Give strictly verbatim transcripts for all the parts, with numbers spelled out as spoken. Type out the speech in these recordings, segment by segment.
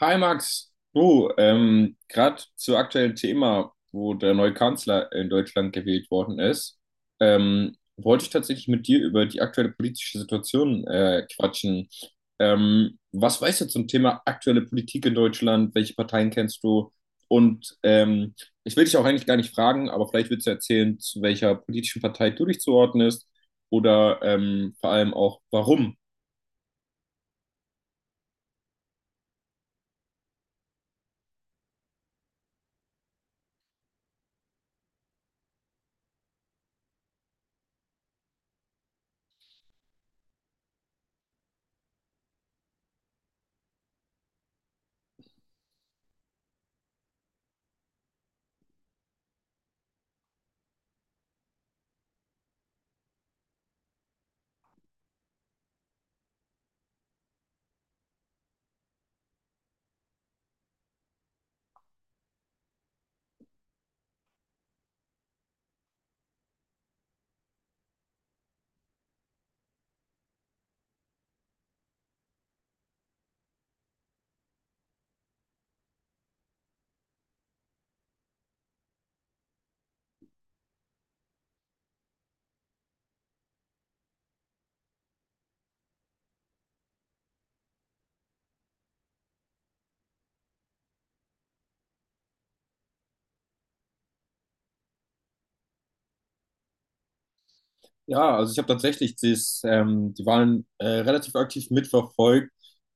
Hi Max, du, ähm, gerade zu aktuellen Thema, wo der neue Kanzler in Deutschland gewählt worden ist, ähm, wollte ich tatsächlich mit dir über die aktuelle politische Situation äh, quatschen. Ähm, was weißt du zum Thema aktuelle Politik in Deutschland? Welche Parteien kennst du? Und ähm, ich will dich auch eigentlich gar nicht fragen, aber vielleicht willst du erzählen, zu welcher politischen Partei du dich zuordnest oder ähm, vor allem auch warum. Ja, also ich habe tatsächlich das, ähm, die Wahlen äh, relativ aktiv mitverfolgt.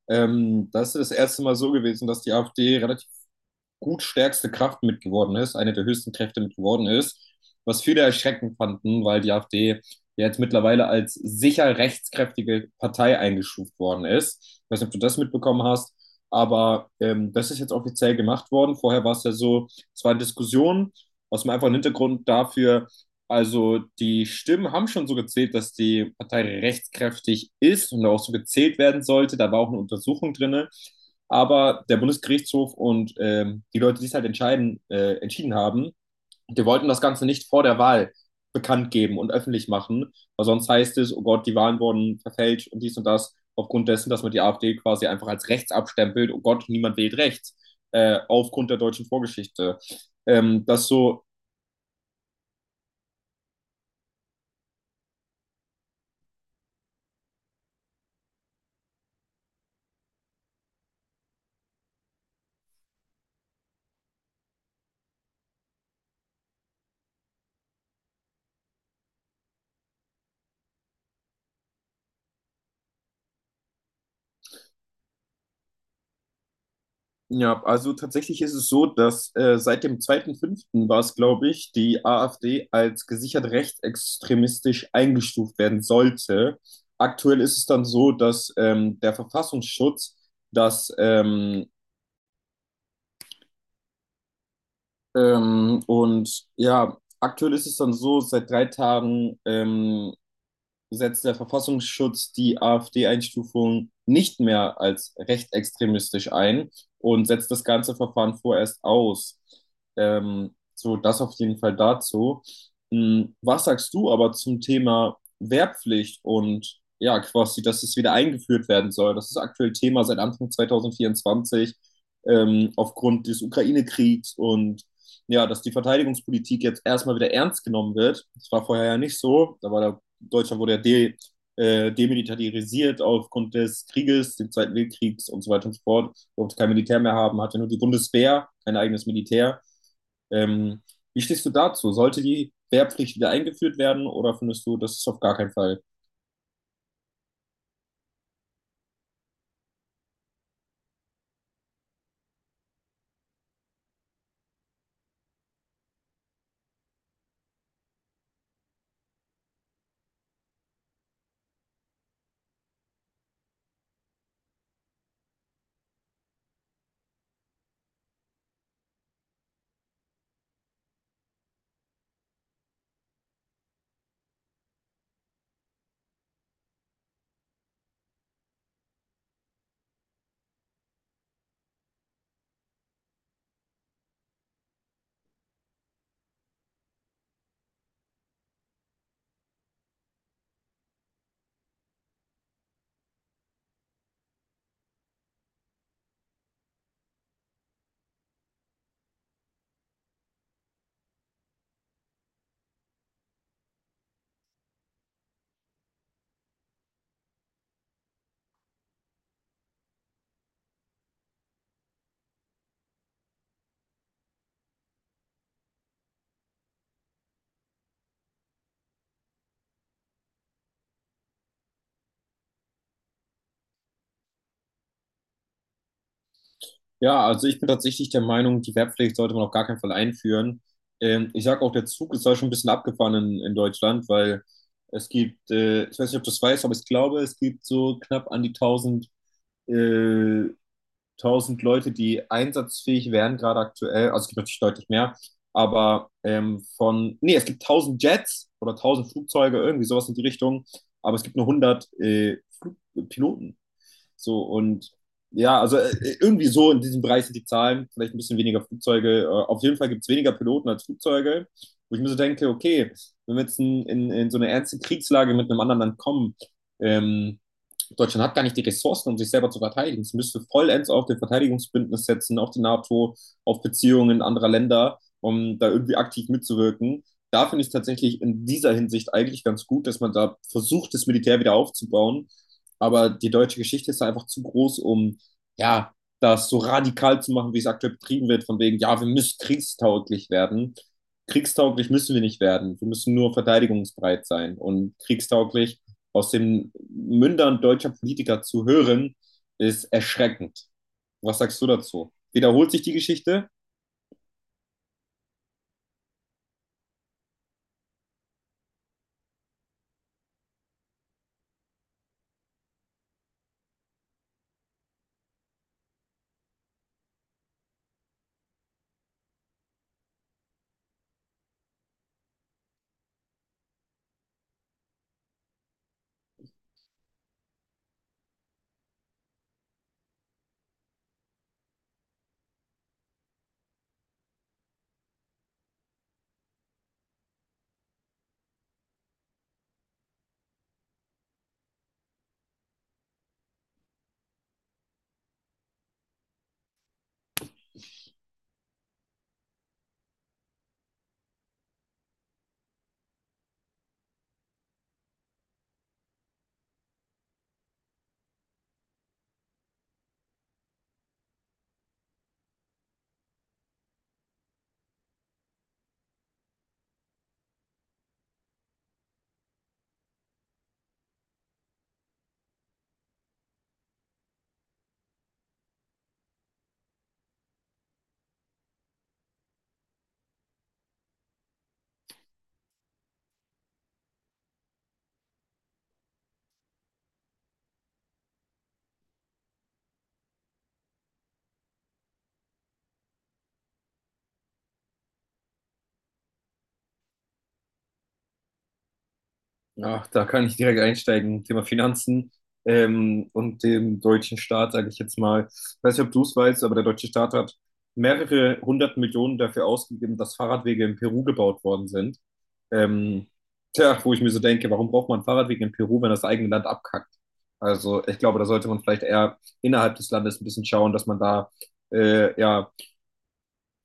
Ähm, das ist das erste Mal so gewesen, dass die A F D relativ gut stärkste Kraft mit geworden ist, eine der höchsten Kräfte mit geworden ist, was viele erschreckend fanden, weil die A F D ja jetzt mittlerweile als sicher rechtskräftige Partei eingestuft worden ist. Ich weiß nicht, ob du das mitbekommen hast, aber ähm, das ist jetzt offiziell gemacht worden. Vorher war es ja so, es waren Diskussionen aus dem einfachen Hintergrund dafür, also die Stimmen haben schon so gezählt, dass die Partei rechtskräftig ist und auch so gezählt werden sollte. Da war auch eine Untersuchung drinne. Aber der Bundesgerichtshof und ähm, die Leute, die es halt entscheiden, äh, entschieden haben, die wollten das Ganze nicht vor der Wahl bekannt geben und öffentlich machen, weil sonst heißt es, oh Gott, die Wahlen wurden verfälscht und dies und das, aufgrund dessen, dass man die A F D quasi einfach als rechts abstempelt, oh Gott, niemand wählt rechts, äh, aufgrund der deutschen Vorgeschichte. Ähm, das so Ja, also tatsächlich ist es so, dass äh, seit dem zweiten fünften war es, glaube ich, die AfD als gesichert rechtsextremistisch eingestuft werden sollte. Aktuell ist es dann so, dass ähm, der Verfassungsschutz das ähm, ähm, und ja, aktuell ist es dann so, seit drei Tagen ähm, setzt der Verfassungsschutz die A F D Einstufung nicht mehr als rechtsextremistisch ein und setzt das ganze Verfahren vorerst aus. Ähm, so, das auf jeden Fall dazu. Hm, was sagst du aber zum Thema Wehrpflicht und ja, quasi, dass es wieder eingeführt werden soll? Das ist aktuell Thema seit Anfang zwanzig vierundzwanzig ähm, aufgrund des Ukraine-Kriegs und ja, dass die Verteidigungspolitik jetzt erstmal wieder ernst genommen wird. Das war vorher ja nicht so, da war der Deutschland wurde ja de, äh, demilitarisiert aufgrund des Krieges, des Zweiten Weltkriegs und so weiter und so fort. Durfte kein Militär mehr haben, hatte nur die Bundeswehr, kein eigenes Militär. Ähm, Wie stehst du dazu? Sollte die Wehrpflicht wieder eingeführt werden oder findest du, das ist auf gar keinen Fall? Ja, also ich bin tatsächlich der Meinung, die Wehrpflicht sollte man auf gar keinen Fall einführen. Ähm, ich sage auch, der Zug ist da schon ein bisschen abgefahren in, in Deutschland, weil es gibt, äh, ich weiß nicht, ob du es weißt, aber ich glaube, es gibt so knapp an die tausend. äh, tausend Leute, die einsatzfähig wären, gerade aktuell. Also es gibt natürlich deutlich mehr. Aber ähm, von, nee, es gibt tausend Jets oder tausend Flugzeuge, irgendwie sowas in die Richtung. Aber es gibt nur hundert äh, Flug Piloten. So und ja, also äh, äh, irgendwie so in diesem Bereich sind die Zahlen. Vielleicht ein bisschen weniger Flugzeuge. Äh, auf jeden Fall gibt es weniger Piloten als Flugzeuge. Wo ich mir so denke, okay, wenn wir jetzt in, in, in so eine ernste Kriegslage mit einem anderen Land kommen, ähm, Deutschland hat gar nicht die Ressourcen, um sich selber zu verteidigen. Es müsste vollends auf den Verteidigungsbündnis setzen, auf die NATO, auf Beziehungen anderer Länder, um da irgendwie aktiv mitzuwirken. Da finde ich es tatsächlich in dieser Hinsicht eigentlich ganz gut, dass man da versucht, das Militär wieder aufzubauen. Aber die deutsche Geschichte ist da einfach zu groß, um ja, das so radikal zu machen, wie es aktuell betrieben wird, von wegen, ja, wir müssen kriegstauglich werden. Kriegstauglich müssen wir nicht werden. Wir müssen nur verteidigungsbereit sein. Und kriegstauglich aus den Mündern deutscher Politiker zu hören, ist erschreckend. Was sagst du dazu? Wiederholt sich die Geschichte? Ach, da kann ich direkt einsteigen. Thema Finanzen ähm, und dem deutschen Staat, sage ich jetzt mal. Ich weiß nicht, ob du es weißt, aber der deutsche Staat hat mehrere hundert Millionen dafür ausgegeben, dass Fahrradwege in Peru gebaut worden sind. Ähm, Tja, wo ich mir so denke, warum braucht man Fahrradwege in Peru, wenn das eigene Land abkackt? Also ich glaube, da sollte man vielleicht eher innerhalb des Landes ein bisschen schauen, dass man da äh, ja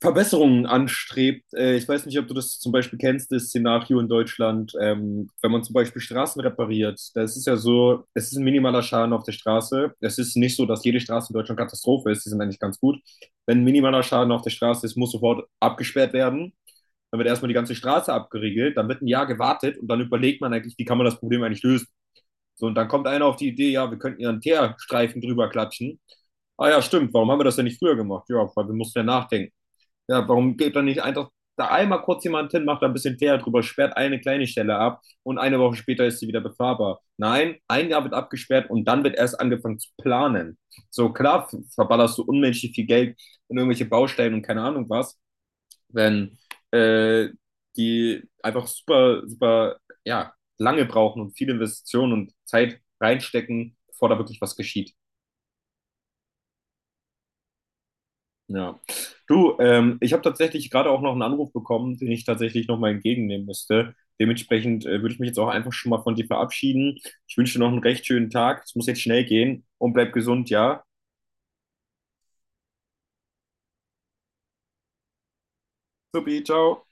Verbesserungen anstrebt. Äh, ich weiß nicht, ob du das zum Beispiel kennst, das Szenario in Deutschland, ähm, wenn man zum Beispiel Straßen repariert. Das ist ja so, es ist ein minimaler Schaden auf der Straße. Es ist nicht so, dass jede Straße in Deutschland Katastrophe ist. Die sind eigentlich ganz gut. Wenn ein minimaler Schaden auf der Straße ist, muss sofort abgesperrt werden. Dann wird erstmal die ganze Straße abgeriegelt, dann wird ein Jahr gewartet und dann überlegt man eigentlich, wie kann man das Problem eigentlich lösen. So, und dann kommt einer auf die Idee, ja, wir könnten ja einen Teerstreifen drüber klatschen. Ah ja, stimmt, warum haben wir das denn nicht früher gemacht? Ja, weil wir mussten ja nachdenken. Ja, warum geht dann nicht einfach da einmal kurz jemand hin, macht da ein bisschen Fehler drüber, sperrt eine kleine Stelle ab und eine Woche später ist sie wieder befahrbar. Nein, ein Jahr wird abgesperrt und dann wird erst angefangen zu planen. So klar f- verballerst du unmenschlich viel Geld in irgendwelche Baustellen und keine Ahnung was, wenn äh, die einfach super, super, ja, lange brauchen und viele Investitionen und Zeit reinstecken, bevor da wirklich was geschieht. Ja. Du, ähm, ich habe tatsächlich gerade auch noch einen Anruf bekommen, den ich tatsächlich nochmal entgegennehmen müsste. Dementsprechend äh, würde ich mich jetzt auch einfach schon mal von dir verabschieden. Ich wünsche dir noch einen recht schönen Tag. Es muss jetzt schnell gehen und bleib gesund, ja? Supi, ciao.